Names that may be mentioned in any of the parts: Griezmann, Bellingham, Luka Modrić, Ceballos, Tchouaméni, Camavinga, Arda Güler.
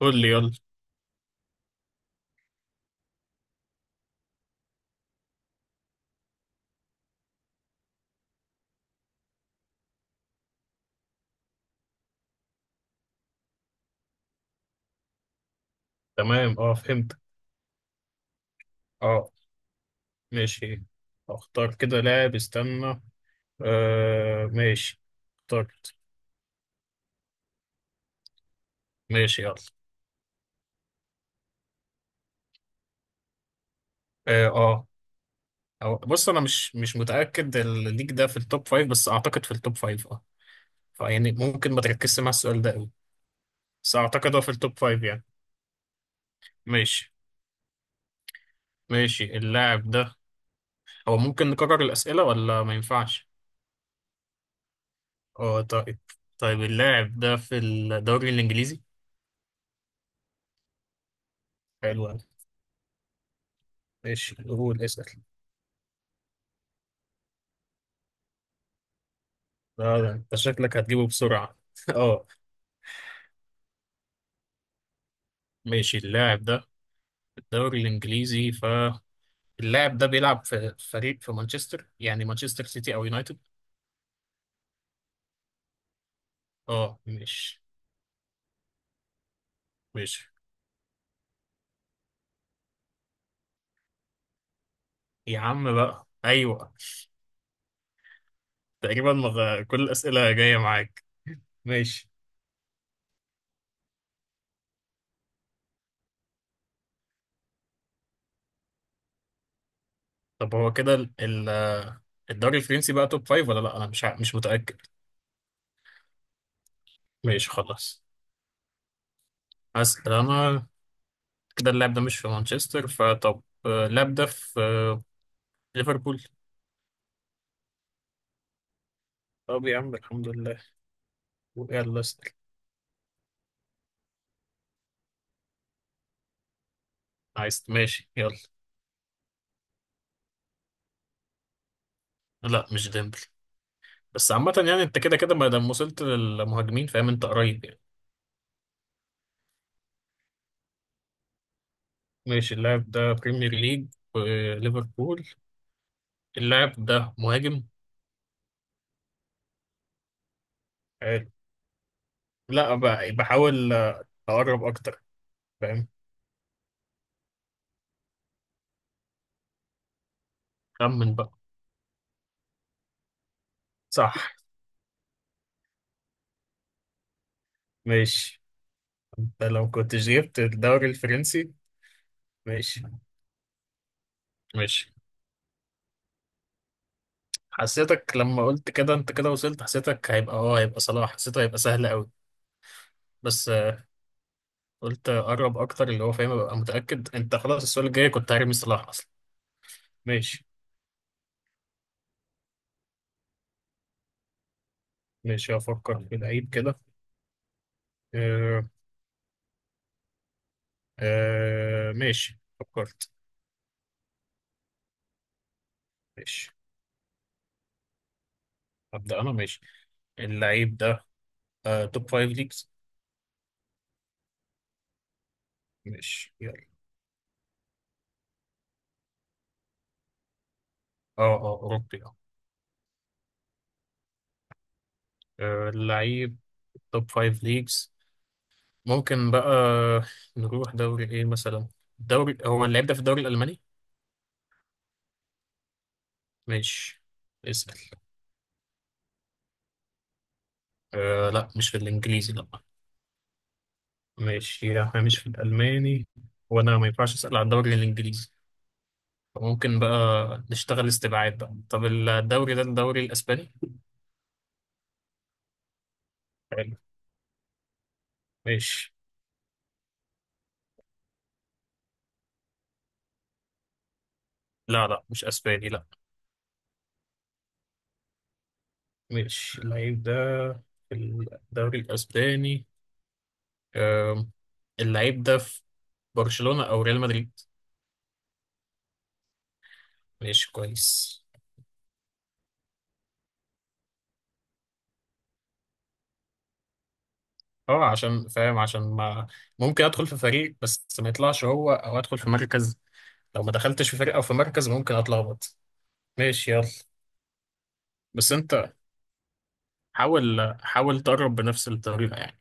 قول لي يلا. تمام، فهمت. اه ماشي. اختار كده لاعب، استنى. آه ماشي. اخترت. ماشي يلا. اه اه. بص، انا مش متأكد الليج ده في التوب فايف، بس اعتقد في التوب فايف اه. فيعني ممكن ما تركزش مع السؤال ده قوي. بس اعتقد هو في التوب فايف يعني. ماشي. ماشي اللاعب ده، هو ممكن نكرر الأسئلة ولا ما ينفعش؟ اه طيب. طيب اللاعب ده في الدوري الإنجليزي؟ حلو أوي. ماشي قول اسأل. لا ده انت شكلك هتجيبه بسرعة. اه ماشي. اللاعب ده في الدوري الانجليزي، فاللاعب ده بيلعب في فريق في مانشستر، يعني مانشستر سيتي او يونايتد. اه مش يا عم بقى، ايوه. تقريبا كل الاسئلة جاية معاك. ماشي. طب هو كده الدوري الفرنسي بقى توب فايف ولا لا؟ انا مش متأكد. ماشي خلاص، هسأل انا كده. اللاعب ده مش في مانشستر، فطب اللاعب ده في ليفربول؟ طب يا عم الحمد لله. يلا اسأل. عايز ماشي يلا. لا مش ديمبلي. بس عامة يعني، انت كده كده ما دام وصلت للمهاجمين فاهم انت قريب يعني. ماشي، اللاعب ده بريمير ليج وليفربول، اللاعب ده مهاجم. حلو. لا بقى بحاول اقرب اكتر. فاهم. خمن بقى. صح. ماشي. انت لو كنتش جبت الدوري الفرنسي. ماشي. ماشي، حسيتك لما قلت كده، انت كده وصلت، حسيتك هيبقى اه هيبقى صلاح، حسيته هيبقى سهل قوي. بس قلت اقرب اكتر اللي هو فاهم ابقى متاكد. انت خلاص السؤال الجاي كنت هرمي صلاح اصلا. ماشي. ماشي هفكر في لعيب كده. آه. آه ماشي فكرت. ماشي. ابدا انا ماشي، اللعيب ده آه توب فايف ليجز. ماشي يلا. اه اه اوروبي اه. اللعيب توب فايف ليجز، ممكن بقى نروح دوري ايه مثلا؟ دوري، هو اللعيب ده في الدوري الالماني؟ ماشي. اسال. آه لا مش في الانجليزي، لا. ماشي يعني احنا مش في الألماني، وأنا ما ينفعش أسأل على الدوري الإنجليزي، فممكن بقى نشتغل استبعاد بقى. طب الدوري ده الدوري الأسباني؟ حلو. ماشي. لا لا مش أسباني، لا. ماشي، اللعيب ده في الدوري الأسباني أم، اللعيب ده في برشلونة أو ريال مدريد؟ ماشي كويس. اه عشان فاهم، عشان ما ممكن أدخل في فريق بس ما يطلعش هو، أو أدخل في مركز. لو ما دخلتش في فريق أو في مركز ممكن أتلخبط. ماشي يلا. بس انت حاول حاول تقرب بنفس الطريقه يعني.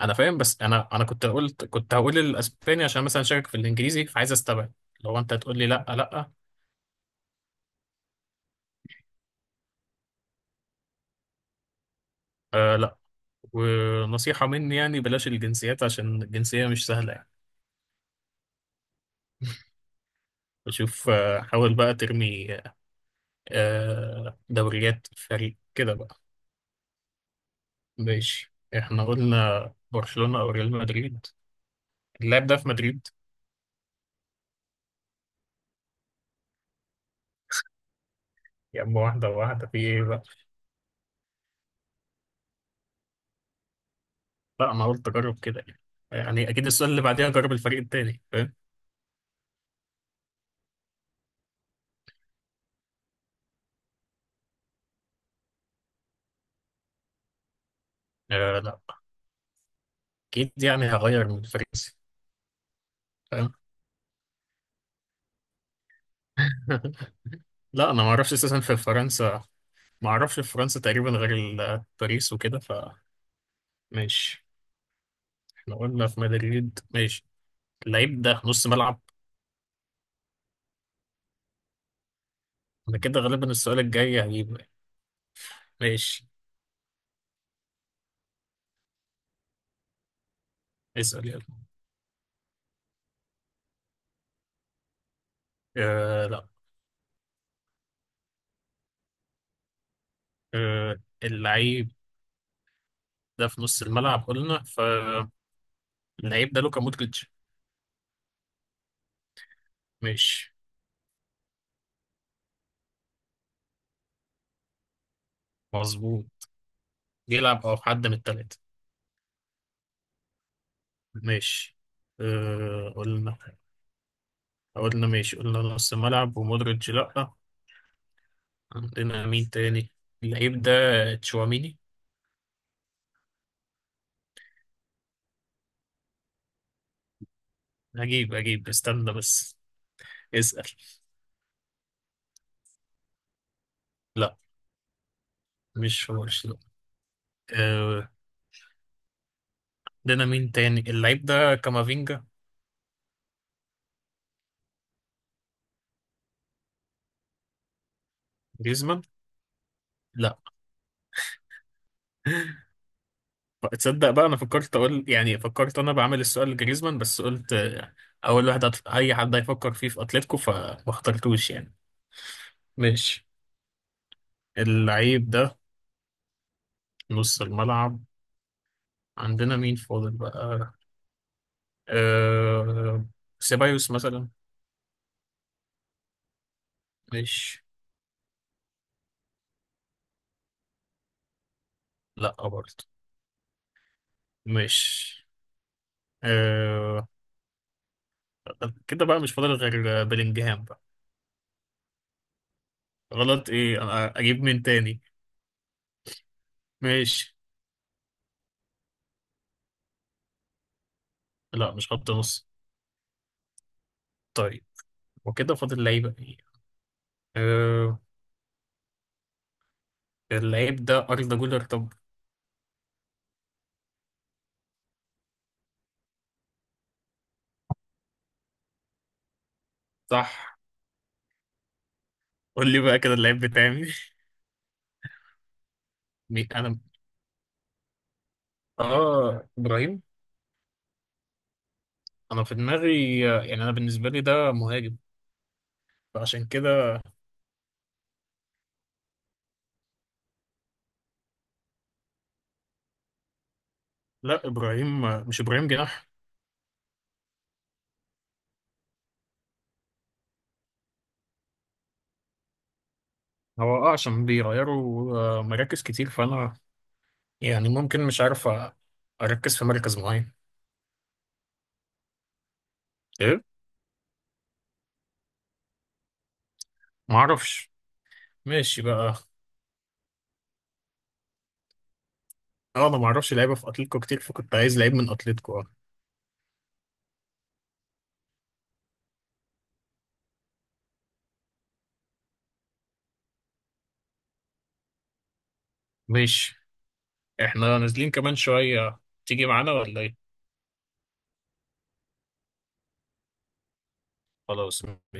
انا فاهم، بس انا كنت قلت، كنت هقول الاسباني عشان مثلا شاكك في الانجليزي، فعايز استبعد لو انت تقول لي لا. لا آه لا. ونصيحه مني يعني، بلاش الجنسيات عشان الجنسيه مش سهله يعني. بشوف آه، حاول بقى ترمي آه دوريات فريق كده بقى. ماشي، احنا قلنا برشلونه او ريال مدريد، اللاعب ده في مدريد؟ يا اما واحده واحده، في ايه بقى؟ لا انا قلت اجرب كده يعني. يعني اكيد السؤال اللي بعديها جرب الفريق التاني، فاهم؟ آه لا. اكيد يعني هغير من الفرنسي. فاهم. لا انا ما اعرفش اساسا في فرنسا. ما اعرفش في فرنسا تقريبا غير باريس وكده. فماشي. احنا قلنا في مدريد، ماشي. اللعيب ده نص ملعب. انا كده غالبا السؤال الجاي هجيبه. ماشي اسأل يلا. آه لا. آه اللعيب ده في نص الملعب قلنا، فاللعيب ده لوكا مودريتش؟ ماشي. مظبوط، يلعب او في حد من التلاتة. ماشي. آه قلنا، قلنا ماشي، قلنا نص ملعب ومودريتش لأ، عندنا مين تاني؟ اللعيب ده تشواميني. هجيب هجيب استنى بس. اسأل. لأ مش في برشلونة. آه، عندنا مين تاني؟ اللعيب ده كامافينجا. جريزمان؟ لأ. تصدق بقى، أنا فكرت أقول يعني، فكرت أنا بعمل السؤال لجريزمان، بس قلت أول واحد أي حد هيفكر فيه في أتلتيكو، فما اخترتوش يعني. ماشي. اللعيب ده نص الملعب، عندنا مين فاضل بقى؟ أه... سيبايوس مثلا؟ مش لا برضه. مش أه... كده بقى مش فاضل غير بلينجهام بقى. غلط ايه؟ انا اجيب مين تاني؟ مش. لا مش خط نص؟ طيب، وكده فاضل لعيبه ايه؟ أه... اللعيب ده أردا جولر طب. صح. قول لي بقى كده اللعيب بتاعي. مين؟ انا اه ابراهيم؟ انا في دماغي يعني، انا بالنسبه لي ده مهاجم، فعشان كده. لا ابراهيم مش ابراهيم جناح. هو اه عشان بيغيروا مراكز كتير فانا يعني ممكن مش عارف اركز في مركز معين. ايه. ما اعرفش. ماشي بقى. اه انا ما اعرفش لعيبه في اتلتيكو كتير، فكنت عايز لعيب من اتلتيكو اه. ماشي. احنا نازلين كمان شويه، تيجي معانا ولا ايه؟ خلاص.